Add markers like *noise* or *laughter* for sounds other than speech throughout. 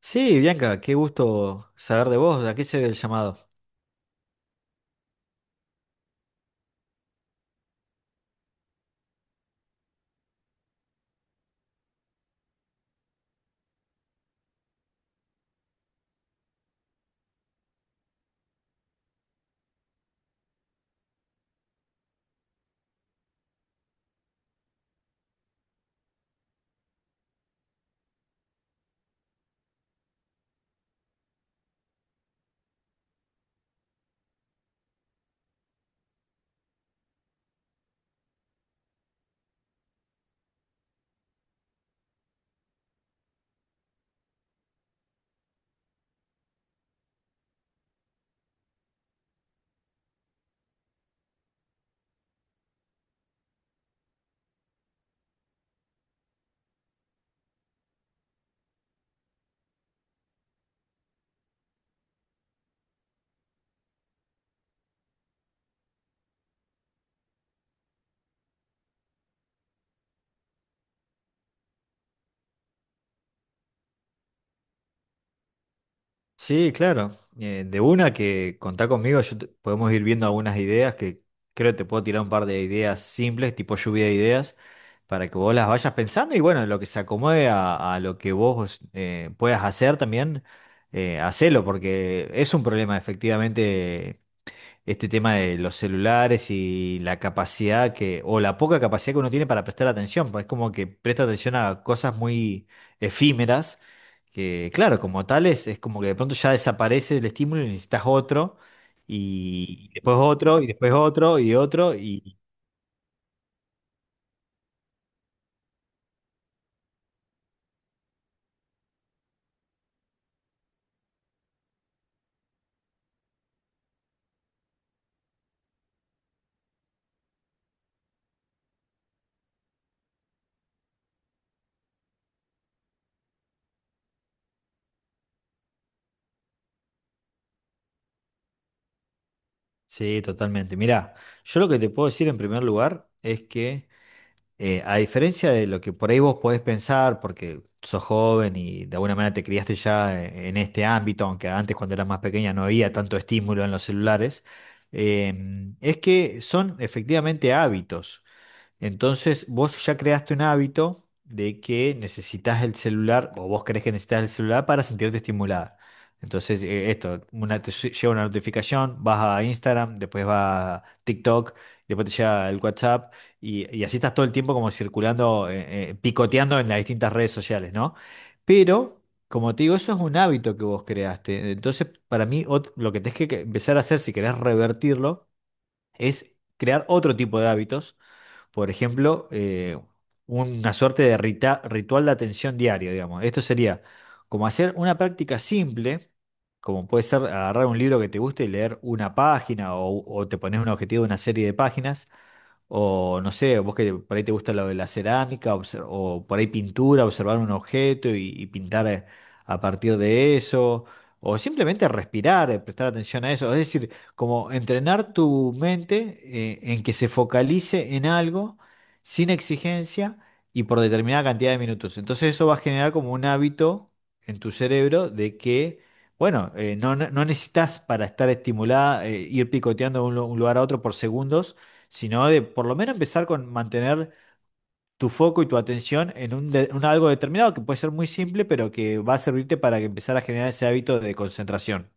Sí, Bianca, qué gusto saber de vos, ¿a qué se debe el llamado? Sí, claro, de una que contá conmigo, podemos ir viendo algunas ideas que creo que te puedo tirar un par de ideas simples, tipo lluvia de ideas, para que vos las vayas pensando y bueno, lo que se acomode a lo que vos puedas hacer también, hacelo, porque es un problema efectivamente este tema de los celulares y la capacidad que, o la poca capacidad que uno tiene para prestar atención, pues es como que presta atención a cosas muy efímeras, que claro, como tales, es como que de pronto ya desaparece el estímulo y necesitas otro, y después otro, y después otro, y otro, y sí, totalmente. Mirá, yo lo que te puedo decir en primer lugar es que... a diferencia de lo que por ahí vos podés pensar, porque sos joven y de alguna manera te criaste ya en este ámbito, aunque antes cuando eras más pequeña no había tanto estímulo en los celulares, eh, es que son efectivamente hábitos. Entonces, vos ya creaste un hábito de que necesitas el celular, o vos crees que necesitas el celular para sentirte estimulada. Entonces, esto, llega una notificación, vas a Instagram, después vas a TikTok, después te llega el WhatsApp, y así estás todo el tiempo como circulando, picoteando en las distintas redes sociales, ¿no? Pero, como te digo, eso es un hábito que vos creaste. Entonces, para mí, lo que tenés que empezar a hacer si querés revertirlo es crear otro tipo de hábitos, por ejemplo, una suerte de ritual de atención diario, digamos. Esto sería como hacer una práctica simple, como puede ser agarrar un libro que te guste y leer una página o te pones un objetivo de una serie de páginas o no sé, vos que por ahí te gusta lo de la cerámica, o por ahí pintura, observar un objeto y pintar a partir de eso, o simplemente respirar, prestar atención a eso. Es decir, como entrenar tu mente en que se focalice en algo sin exigencia y por determinada cantidad de minutos. Entonces eso va a generar como un hábito en tu cerebro de que, bueno, no, no necesitas para estar estimulada ir picoteando de un lugar a otro por segundos, sino de por lo menos empezar con mantener tu foco y tu atención en un algo determinado que puede ser muy simple, pero que va a servirte para que empezar a generar ese hábito de concentración.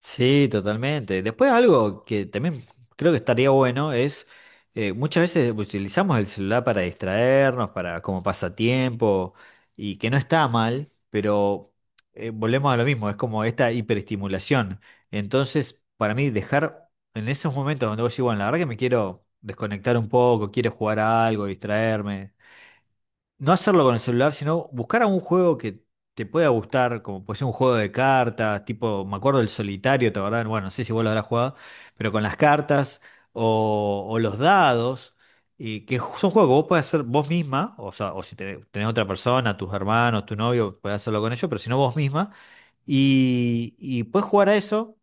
Sí, totalmente. Después algo que también creo que estaría bueno es, muchas veces utilizamos el celular para distraernos, para como pasatiempo, y que no está mal, pero volvemos a lo mismo, es como esta hiperestimulación. Entonces, para mí, dejar en esos momentos donde vos decís, bueno, la verdad que me quiero desconectar un poco, quiero jugar a algo, distraerme, no hacerlo con el celular, sino buscar algún juego que te pueda gustar, como puede ser un juego de cartas, tipo, me acuerdo del solitario, ¿te acordás? Bueno, no sé si vos lo habrás jugado, pero con las cartas o los dados, y que son juegos que vos podés hacer vos misma, o sea, o si tenés otra persona, tus hermanos, tu novio, podés hacerlo con ellos, pero si no vos misma, y podés jugar a eso,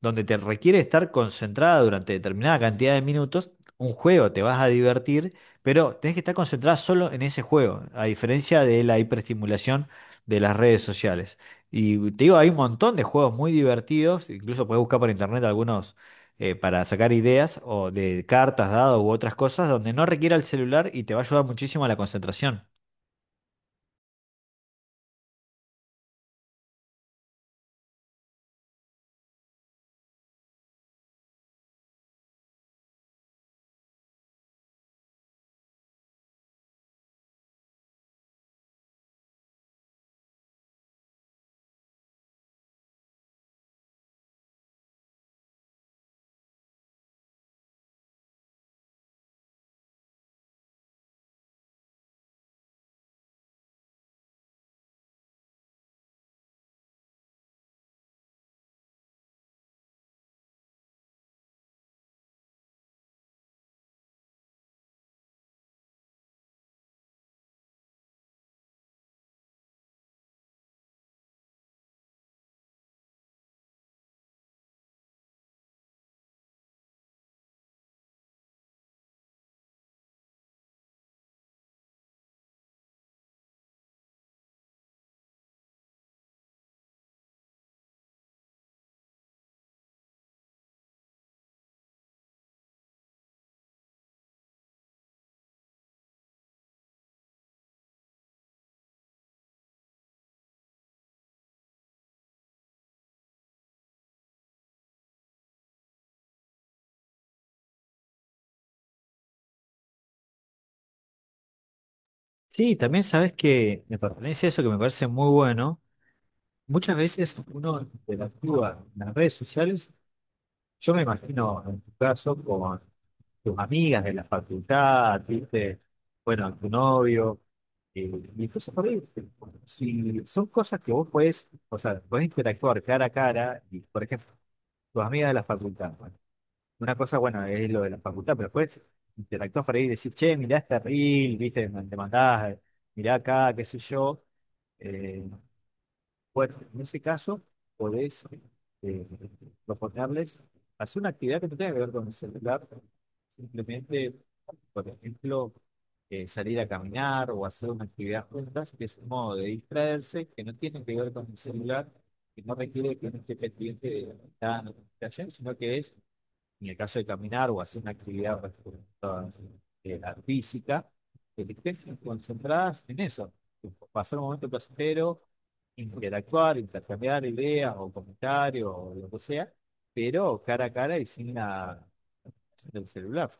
donde te requiere estar concentrada durante determinada cantidad de minutos, un juego, te vas a divertir, pero tenés que estar concentrada solo en ese juego, a diferencia de la hiperestimulación de las redes sociales. Y te digo, hay un montón de juegos muy divertidos, incluso puedes buscar por internet algunos para sacar ideas o de cartas, dados u otras cosas, donde no requiera el celular y te va a ayudar muchísimo a la concentración. Sí, también sabes que me pertenece eso, que me parece muy bueno. Muchas veces uno interactúa en las redes sociales, yo me imagino en tu caso, con tus amigas de la facultad, ¿viste? Bueno, a tu novio, eh, y cosas por ahí. Si son cosas que vos podés, o sea, podés interactuar cara a cara, y por ejemplo, tus amigas de la facultad, bueno, una cosa, bueno, es lo de la facultad, pero después interactuás por ahí y decís, che, mirá este reel, ¿viste? Te mandás, mirá acá, qué sé yo. eh, bueno, en ese caso, podés eh, proponerles hacer una actividad que no tenga que ver con el celular, simplemente, por ejemplo, salir a caminar o hacer una actividad juntas, que es un modo de distraerse, que no tiene que ver con el celular, que no requiere que uno esté pendiente de la notificación, sino que es en el caso de caminar o hacer una actividad eh, física, que estén concentradas en eso, pasar un momento placentero, interactuar, intercambiar ideas o comentarios o lo que sea, pero cara a cara y sin el celular.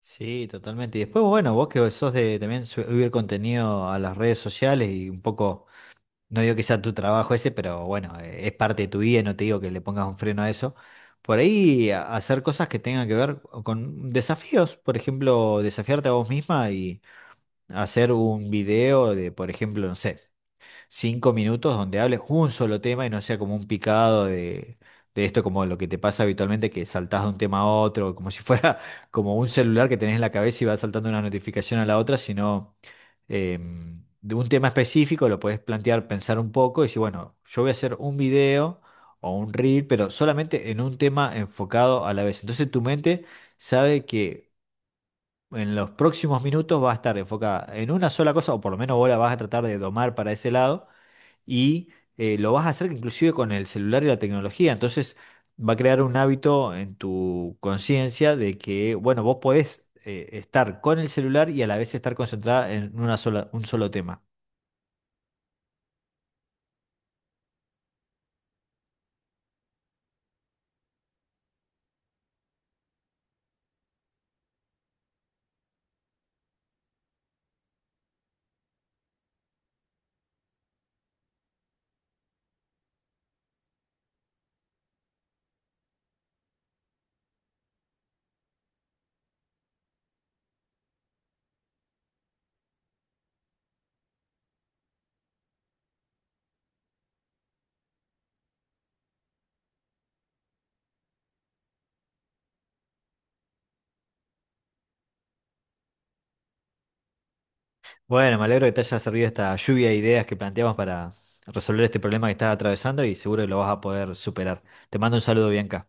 Sí, totalmente. Y después, bueno, vos que sos de también subir contenido a las redes sociales y un poco. No digo que sea tu trabajo ese, pero bueno, es parte de tu vida y no te digo que le pongas un freno a eso. Por ahí hacer cosas que tengan que ver con desafíos, por ejemplo, desafiarte a vos misma y hacer un video de, por ejemplo, no sé, 5 minutos donde hables un solo tema y no sea como un picado de esto, como lo que te pasa habitualmente, que saltás de un tema a otro, como si fuera *laughs* como un celular que tenés en la cabeza y vas saltando una notificación a la otra, sino eh, de un tema específico lo podés plantear, pensar un poco y decir, bueno, yo voy a hacer un video o un reel, pero solamente en un tema enfocado a la vez. Entonces tu mente sabe que... En los próximos minutos va a estar enfocada en una sola cosa, o por lo menos vos la vas a tratar de domar para ese lado, y lo vas a hacer inclusive con el celular y la tecnología. Entonces va a crear un hábito en tu conciencia de que, bueno, vos podés estar con el celular y a la vez estar concentrada en un solo tema. Bueno, me alegro que te haya servido esta lluvia de ideas que planteamos para resolver este problema que estás atravesando y seguro que lo vas a poder superar. Te mando un saludo, Bianca.